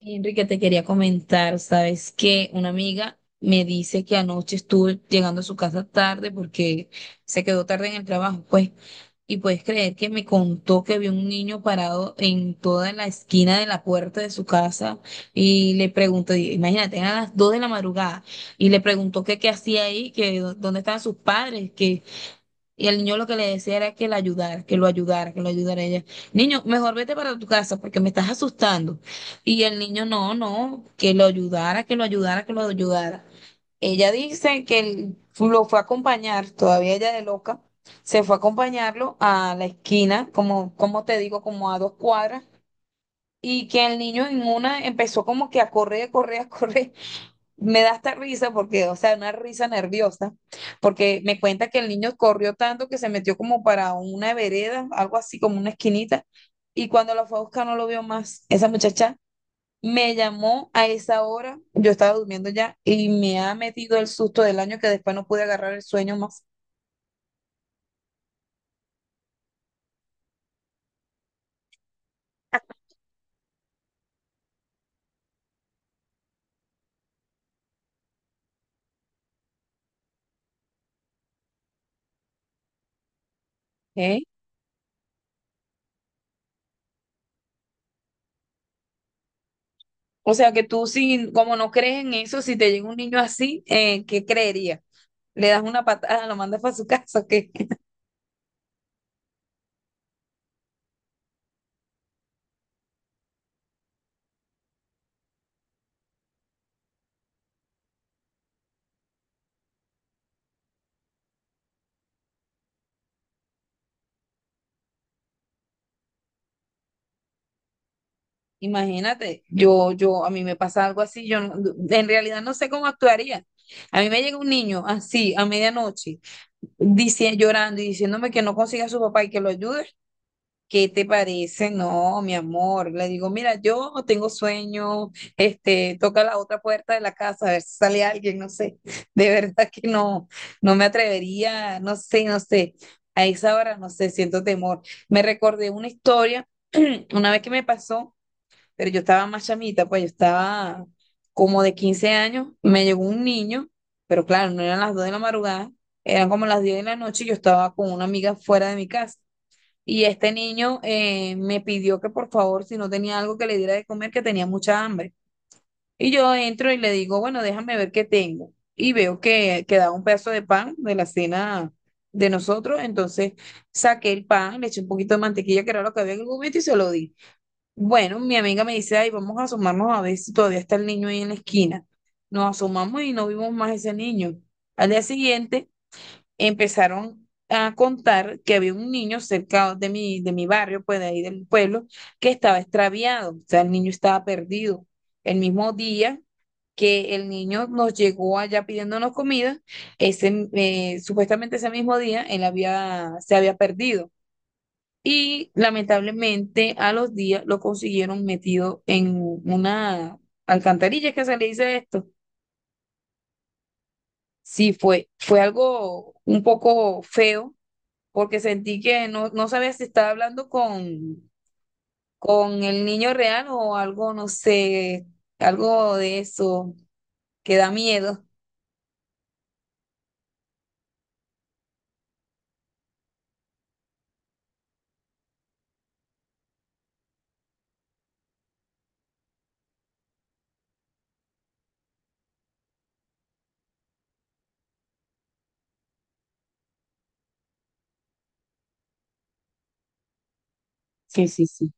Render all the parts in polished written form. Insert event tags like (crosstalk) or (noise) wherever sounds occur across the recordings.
Sí, Enrique, te quería comentar, sabes que una amiga me dice que anoche estuve llegando a su casa tarde porque se quedó tarde en el trabajo, pues, y puedes creer que me contó que vio un niño parado en toda la esquina de la puerta de su casa y le preguntó, imagínate, eran las 2 de la madrugada, y le preguntó que qué hacía ahí, que dónde estaban sus padres, y el niño lo que le decía era que la ayudara, que lo ayudara, que lo ayudara a ella. Niño, mejor vete para tu casa porque me estás asustando. Y el niño, no, no, que lo ayudara, que lo ayudara, que lo ayudara. Ella dice que él lo fue a acompañar, todavía ella de loca, se fue a acompañarlo a la esquina, como te digo, como a 2 cuadras, y que el niño en una empezó como que a correr, (laughs) a correr, me da esta risa porque, o sea, una risa nerviosa, porque me cuenta que el niño corrió tanto que se metió como para una vereda, algo así como una esquinita, y cuando lo fue a buscar no lo vio más. Esa muchacha me llamó a esa hora, yo estaba durmiendo ya, y me ha metido el susto del año que después no pude agarrar el sueño más. ¿Eh? O sea, que tú, si, como no crees en eso, si te llega un niño así, ¿qué creería? ¿Le das una patada, lo mandas para su casa o qué? Imagínate, yo, a mí me pasa algo así, yo no- en realidad no sé cómo actuaría. A mí me llega un niño así a medianoche, llorando y diciéndome que no consiga a su papá y que lo ayude. ¿Qué te parece? No, mi amor. Le digo, mira, yo tengo sueño, este, toca la otra puerta de la casa a ver si sale alguien, no sé. (laughs) De verdad que no, no me atrevería, no sé, no sé. A esa hora, no sé, siento temor. Me recordé una historia, (clears throat) una vez que me pasó, pero yo estaba más chamita, pues yo estaba como de 15 años, me llegó un niño, pero claro, no eran las 2 de la madrugada, eran como las 10 de la noche y yo estaba con una amiga fuera de mi casa. Y este niño me pidió que por favor, si no tenía algo que le diera de comer, que tenía mucha hambre. Y yo entro y le digo, bueno, déjame ver qué tengo. Y veo que quedaba un pedazo de pan de la cena de nosotros. Entonces saqué el pan, le eché un poquito de mantequilla, que era lo que había en el momento, y se lo di. Bueno, mi amiga me dice, ay, vamos a asomarnos a ver si todavía está el niño ahí en la esquina. Nos asomamos y no vimos más ese niño. Al día siguiente empezaron a contar que había un niño cerca de mi barrio, pues de ahí del pueblo, que estaba extraviado, o sea, el niño estaba perdido. El mismo día que el niño nos llegó allá pidiéndonos comida, supuestamente ese mismo día él había, se había perdido. Y lamentablemente a los días lo consiguieron metido en una alcantarilla, que se le dice esto. Sí, fue, fue algo un poco feo, porque sentí que no, no sabía si estaba hablando con el niño real o algo, no sé, algo de eso que da miedo. Sí, sí, sí.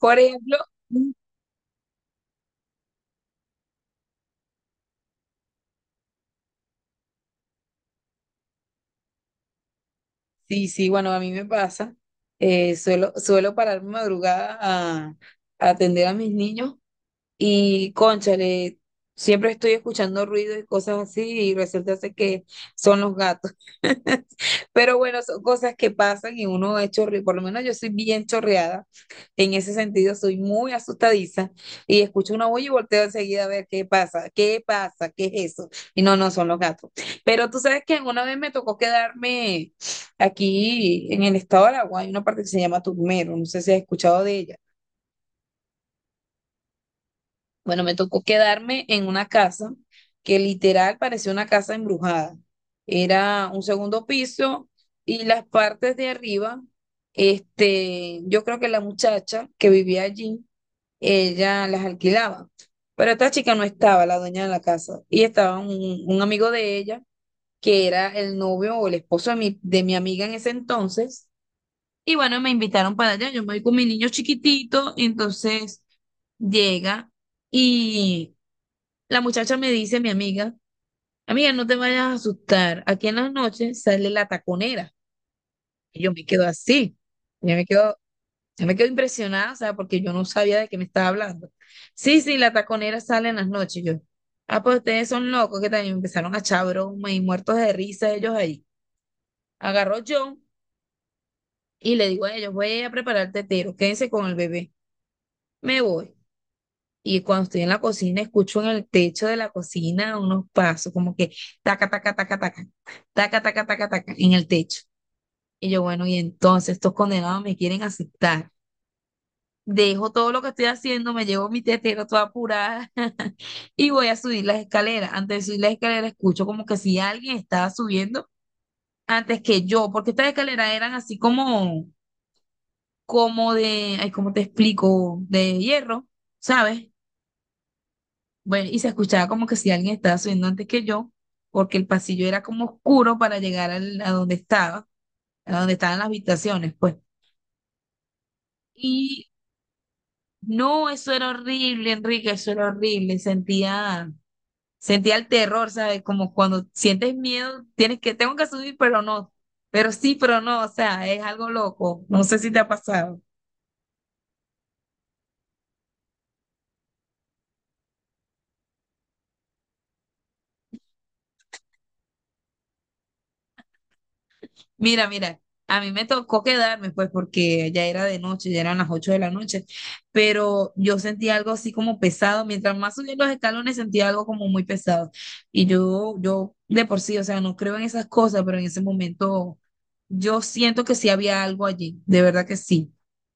Por ejemplo, mm, sí, sí, bueno, a mí me pasa. Suelo pararme madrugada a atender a mis niños. Y cónchale, siempre estoy escuchando ruidos y cosas así y resulta ser que son los gatos. (laughs) Pero bueno, son cosas que pasan y uno es chorre, por lo menos yo soy bien chorreada. En ese sentido, soy muy asustadiza y escucho una bulla y volteo enseguida a ver qué pasa, qué pasa, qué es eso. Y no, no son los gatos. Pero tú sabes que una vez me tocó quedarme aquí en el estado de Aragua, hay una parte que se llama Turmero, no sé si has escuchado de ella. Bueno, me tocó quedarme en una casa que literal parecía una casa embrujada. Era un segundo piso y las partes de arriba, este, yo creo que la muchacha que vivía allí, ella las alquilaba. Pero esta chica no estaba, la dueña de la casa, y estaba un amigo de ella, que era el novio o el esposo de mi amiga en ese entonces. Y bueno, me invitaron para allá, yo me voy con mi niño chiquitito, y entonces llega y la muchacha me dice, mi amiga, amiga, no te vayas a asustar. Aquí en las noches sale la taconera. Y yo me quedo así. Yo me quedo, yo me quedo impresionada, o sea, porque yo no sabía de qué me estaba hablando. Sí, sí, la taconera sale en las noches. Yo, ah, pues ustedes son locos, que también empezaron a echar broma y muertos de risa ellos ahí. Agarró John y le digo a ellos, voy a preparar el tetero, quédense con el bebé. Me voy. Y cuando estoy en la cocina, escucho en el techo de la cocina unos pasos, como que taca, taca, taca, taca, taca, taca, taca, taca, en el techo. Y yo, bueno, y entonces estos condenados me quieren aceptar. Dejo todo lo que estoy haciendo, me llevo mi tetero toda apurada (laughs) y voy a subir las escaleras. Antes de subir las escaleras, escucho como que si alguien estaba subiendo antes que yo, porque estas escaleras eran así como, como de, ay, ¿cómo te explico? De hierro, ¿sabes? Bueno, y se escuchaba como que si alguien estaba subiendo antes que yo, porque el pasillo era como oscuro para llegar a donde estaba, a donde estaban las habitaciones, pues. Y no, eso era horrible, Enrique, eso era horrible. Sentía, sentía el terror, ¿sabes? Como cuando sientes miedo, tengo que subir, pero no. Pero sí, pero no, o sea, es algo loco. No sé si te ha pasado. Mira, mira, a mí me tocó quedarme, pues, porque ya era de noche, ya eran las 8 de la noche, pero yo sentí algo así como pesado, mientras más subía los escalones sentía algo como muy pesado. Y yo de por sí, o sea, no creo en esas cosas, pero en ese momento yo siento que sí había algo allí, de verdad que sí.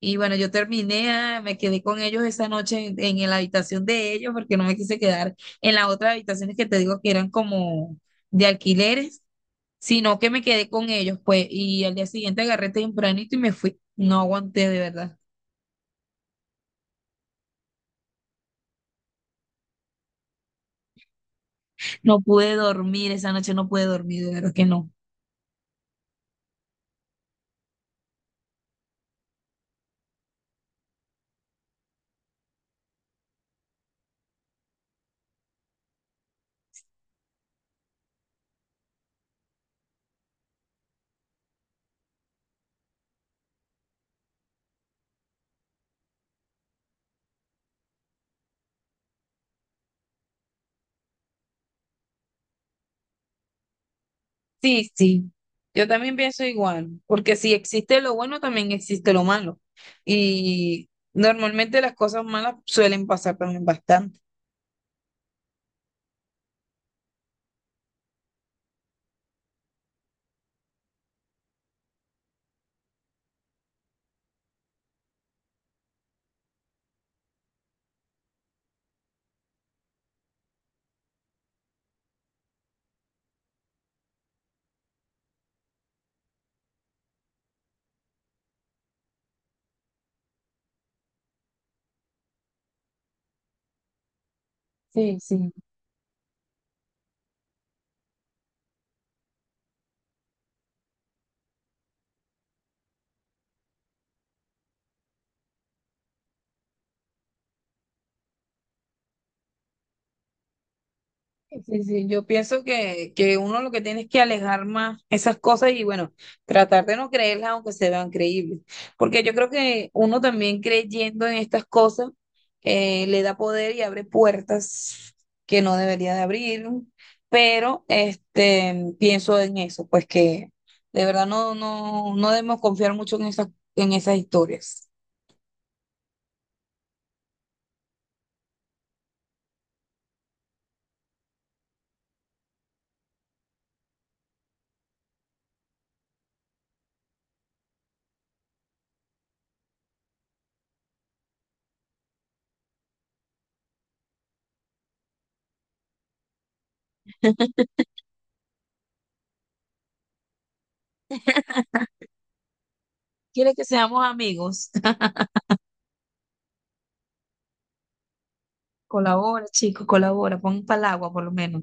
Y bueno, yo terminé, ah, me quedé con ellos esa noche en la habitación de ellos porque no me quise quedar en las otras habitaciones que te digo que eran como de alquileres, sino que me quedé con ellos, pues, y al día siguiente agarré tempranito y me fui. No aguanté de verdad. No pude dormir esa noche, no pude dormir, de verdad que no. Sí, sí. Yo también pienso igual, porque si existe lo bueno, también existe lo malo. Y normalmente las cosas malas suelen pasar también bastante. Sí, sí. Sí, sí, yo pienso que uno lo que tiene es que alejar más esas cosas y bueno, tratar de no creerlas aunque se vean creíbles. Porque yo creo que uno también creyendo en estas cosas le da poder y abre puertas que no debería de abrir. Pero este, pienso en eso, pues que de verdad no, no, no debemos confiar mucho en esas historias. ¿Quiere que seamos amigos? (laughs) Colabora, chicos, colabora, pon palagua por lo menos.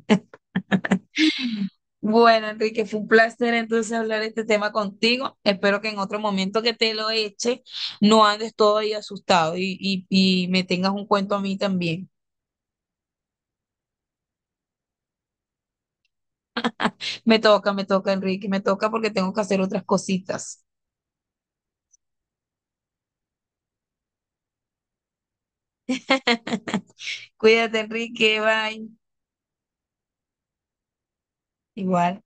Bueno, Enrique, fue un placer entonces hablar este tema contigo. Espero que en otro momento que te lo eche no andes todo ahí asustado y me tengas un cuento a mí también. Me toca, Enrique, me toca porque tengo que hacer otras cositas. (laughs) Cuídate, Enrique, bye. Igual.